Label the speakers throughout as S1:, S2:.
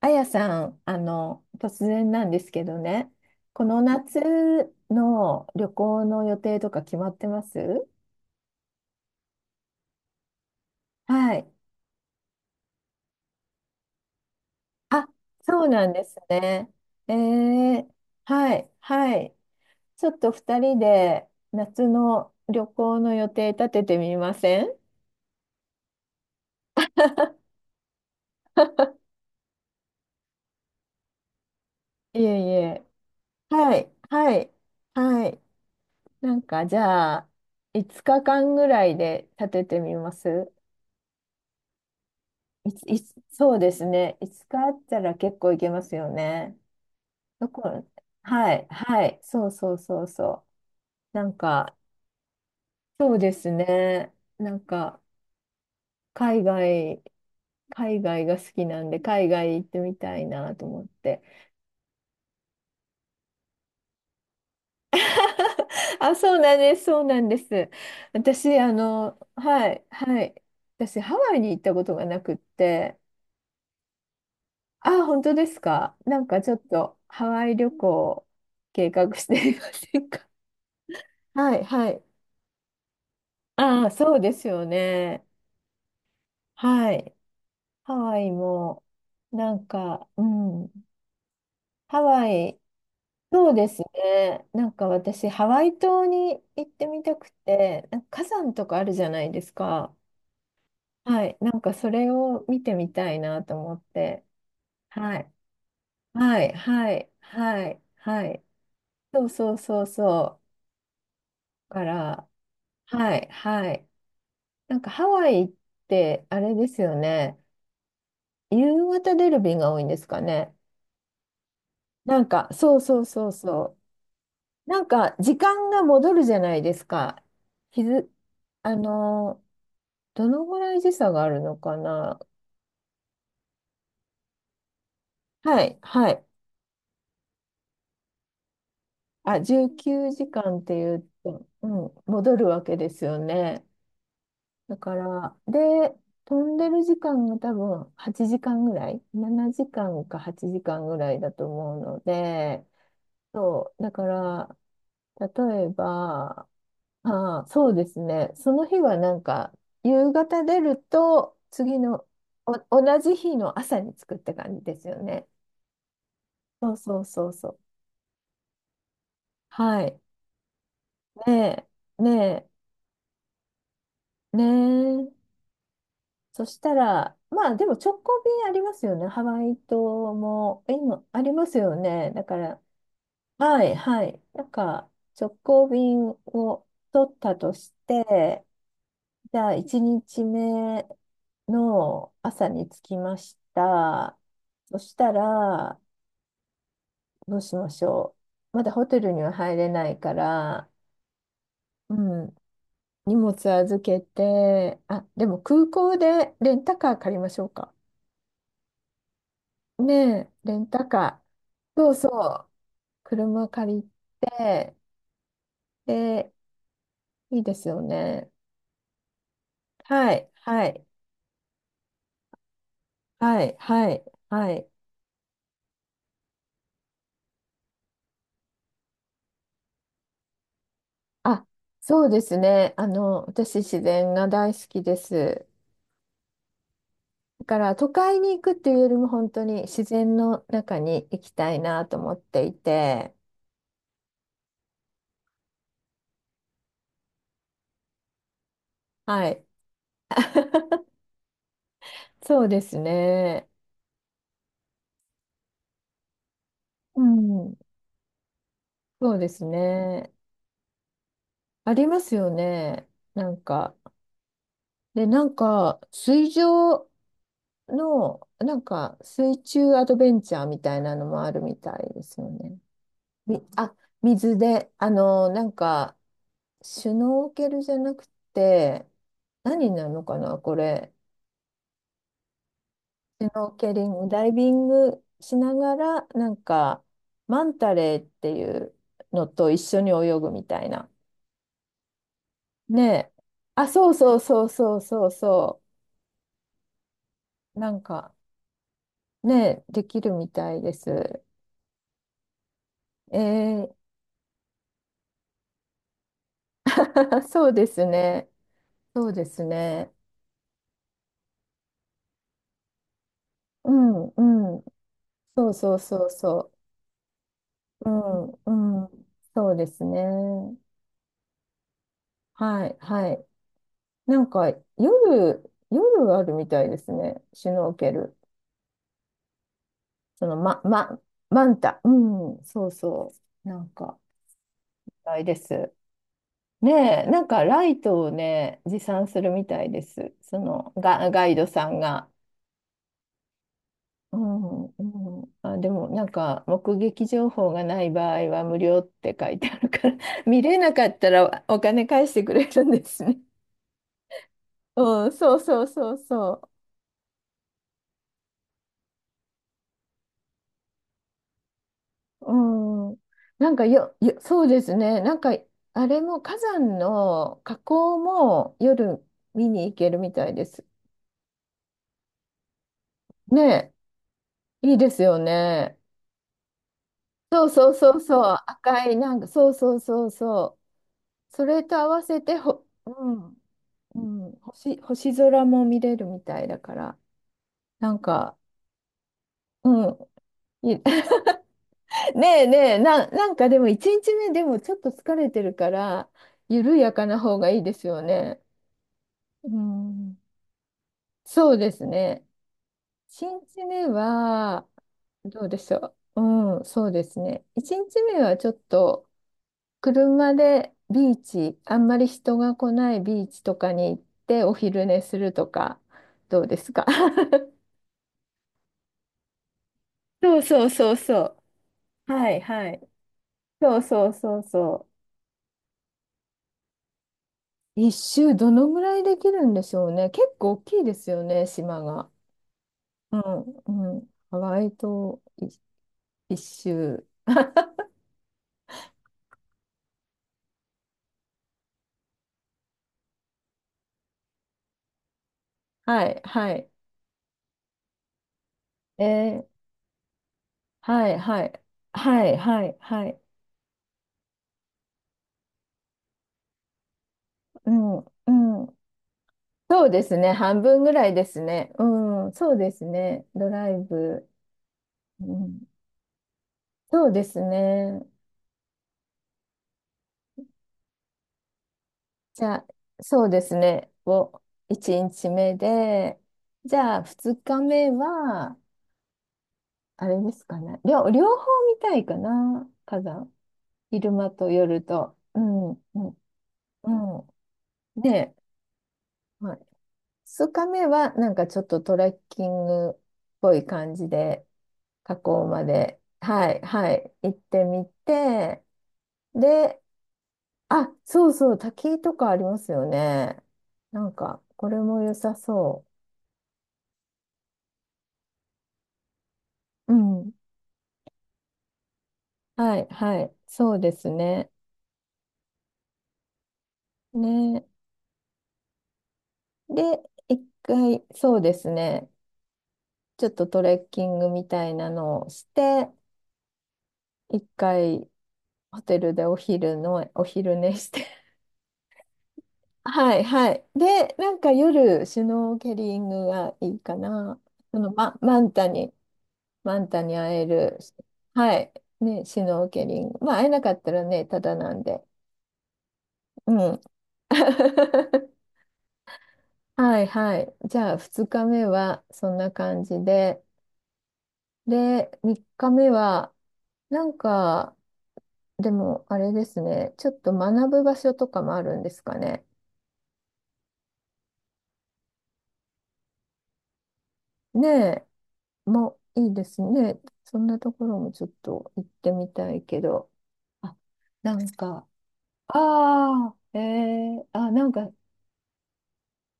S1: あやさん、突然なんですけどね、この夏の旅行の予定とか決まってます？はい。あ、そうなんですね。えー、はい、はい。ちょっと2人で夏の旅行の予定立ててみません？いえいえ。はい、はい、はい。なんか、じゃあ、5日間ぐらいで立ててみます？いつ、いつ、そうですね。いつかあったら結構いけますよね。どこ、はい、はい、そうそうそうそう。なんか、そうですね。なんか、海外、海外が好きなんで、海外行ってみたいなと思って。あ、そうなんです、そうなんです。私、はい、はい。私、ハワイに行ったことがなくって、あ、本当ですか。なんかちょっと、ハワイ旅行を計画していませんか。はい、はい。ああ、そうですよね。はい。ハワイも、なんか、うん。ハワイ、そうですね。なんか私、ハワイ島に行ってみたくて、なんか火山とかあるじゃないですか。はい。なんかそれを見てみたいなと思って。はい。はい、はい、はい、はい。そうそうそうそう。から、はい、はい。なんかハワイって、あれですよね。夕方出る便が多いんですかね。なんか、そうそうそうそう。なんか、時間が戻るじゃないですか。日付あのー、どのぐらい時差があるのかな。はい、はい。あ、19時間っていうと、うん、戻るわけですよね。だから、で、飛んでる時間が多分8時間ぐらい、7時間か8時間ぐらいだと思うので、そう、だから、例えば、ああ、そうですね。その日はなんか、夕方出ると、次の、お、同じ日の朝に作って感じですよね。そうそうそうそう。はい。ねえ、ねえ、ねえ。そしたら、まあでも直行便ありますよね。ハワイ島も、今、ありますよね。だから、はい、はい。なんか、直行便を取ったとして、じゃあ、1日目の朝に着きました。そしたら、どうしましょう。まだホテルには入れないから、うん、荷物預けて、あ、でも空港でレンタカー借りましょうか。ねえ、レンタカー。そうそう、車借りて、で、いいですよね。はい、はい、はい、はい、はい。あ、そうですね。私自然が大好きです。だから都会に行くっていうよりも本当に自然の中に行きたいなと思っていて。はい。そうですね。うん。そうですね。ありますよね。なんか。で、なんか水上の、なんか水中アドベンチャーみたいなのもあるみたいですよね。み、あ、水で、なんか、シュノーケルじゃなくて、何になるのかな、これ。シュノーケリング、ダイビングしながら、なんか、マンタレーっていうのと一緒に泳ぐみたいな。ねえ。あ、そうそうそうそうそうそう。なんか、ねえ、できるみたいです。えー そうですね。そうですね。うんうん。そうそうそうそう。うん、うん、そうですね。はい、はい。なんか、夜あるみたいですね。シュノーケル。その、マンタ。うん、そうそう。なんか、あれです。ねえ、なんか、ライトをね、持参するみたいです。その、ガイドさんが。うん、うん。あ、でも、なんか、目撃情報がない場合は無料って書いてあるから、見れなかったらお金返してくれるんですね。うん、そうそうそうそう。うん。なんかそうですね。なんか、あれも火山の火口も夜見に行けるみたいです。ねえ、いいですよね。そうそうそうそう。赤い、なんか、そうそうそうそう。それと合わせてほ、うん、うん、星空も見れるみたいだから、なんか、うん、いいねえねえ、なんかでも1日目でもちょっと疲れてるから、緩やかな方がいいですよね。うん、そうですね。1日目は、どうでしょう。うん、そうですね。1日目はちょっと、車でビーチ、あんまり人が来ないビーチとかに行って、お昼寝するとか、どうですか。そうそうそうそう。はいはい。そうそうそうそう。一周どのぐらいできるんでしょうね。結構大きいですよね、島が。うん、うん。ハワイ島い一周。はい、はい。えー、はい、はい。はい、はい、はい。うん、うん。そうですね。半分ぐらいですね。うん、そうですね。ドライブ。うん、そうですね。じゃあ、そうですね。を1日目で、じゃあ2日目は、あれですかね。両方見たいかな。火山。昼間と夜と。うん、うん、うん。で、はい、2日目はなんかちょっとトレッキングっぽい感じで、火口まで、はい、はい、行ってみて、で、あ、そうそう、滝とかありますよね。なんか、これも良さそう。うん。はい、はい、そうですね。ね。で、一回、そうですね。ちょっとトレッキングみたいなのをして、一回ホテルでお昼の、お昼寝して。はいはい。で、なんか夜、シュノーケリングがいいかな。そのママンタに会える。はい。ね、シュノーケリング。まあ、会えなかったらね、ただなんで。うん。はいはい。じゃあ、2日目はそんな感じで。で、3日目は、なんか、でも、あれですね。ちょっと学ぶ場所とかもあるんですかね。ねえ、もういいですね。そんなところもちょっと行ってみたいけど。あ、なんか、ああ、ええあ、なんか、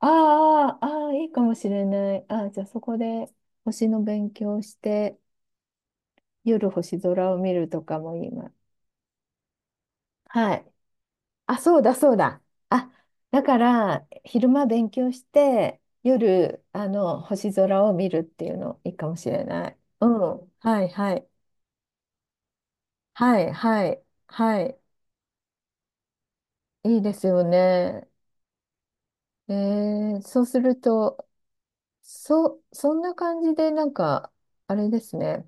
S1: ああ、ああ、いいかもしれない。あじゃあそこで星の勉強して、夜星空を見るとかも今。はい。あ、そうだ、そうだ。あ、だから、昼間勉強して、夜、星空を見るっていうのいいかもしれない。うん。はい、はい。はい、はい。はい。いいですよね。えそうすると、そんな感じで、なんか、あれですね。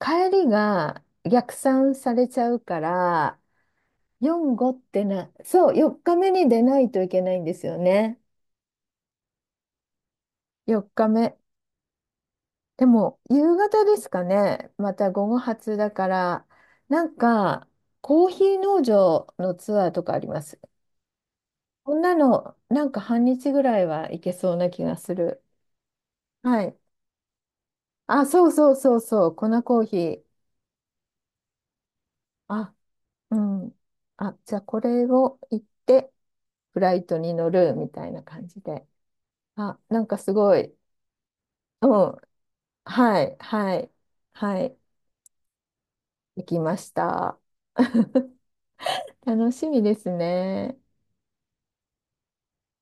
S1: 帰りが逆算されちゃうから、4、5ってな、そう、4日目に出ないといけないんですよね。4日目。でも、夕方ですかね。また午後発だから、なんか、コーヒー農場のツアーとかあります？こんなの、なんか半日ぐらいは行けそうな気がする。はい。あ、そうそうそうそう、粉コーヒー。あ、うん。あ、じゃあこれを行って、フライトに乗るみたいな感じで。あ、なんかすごい。うん。はい、はい、はい。行きました。楽しみですね。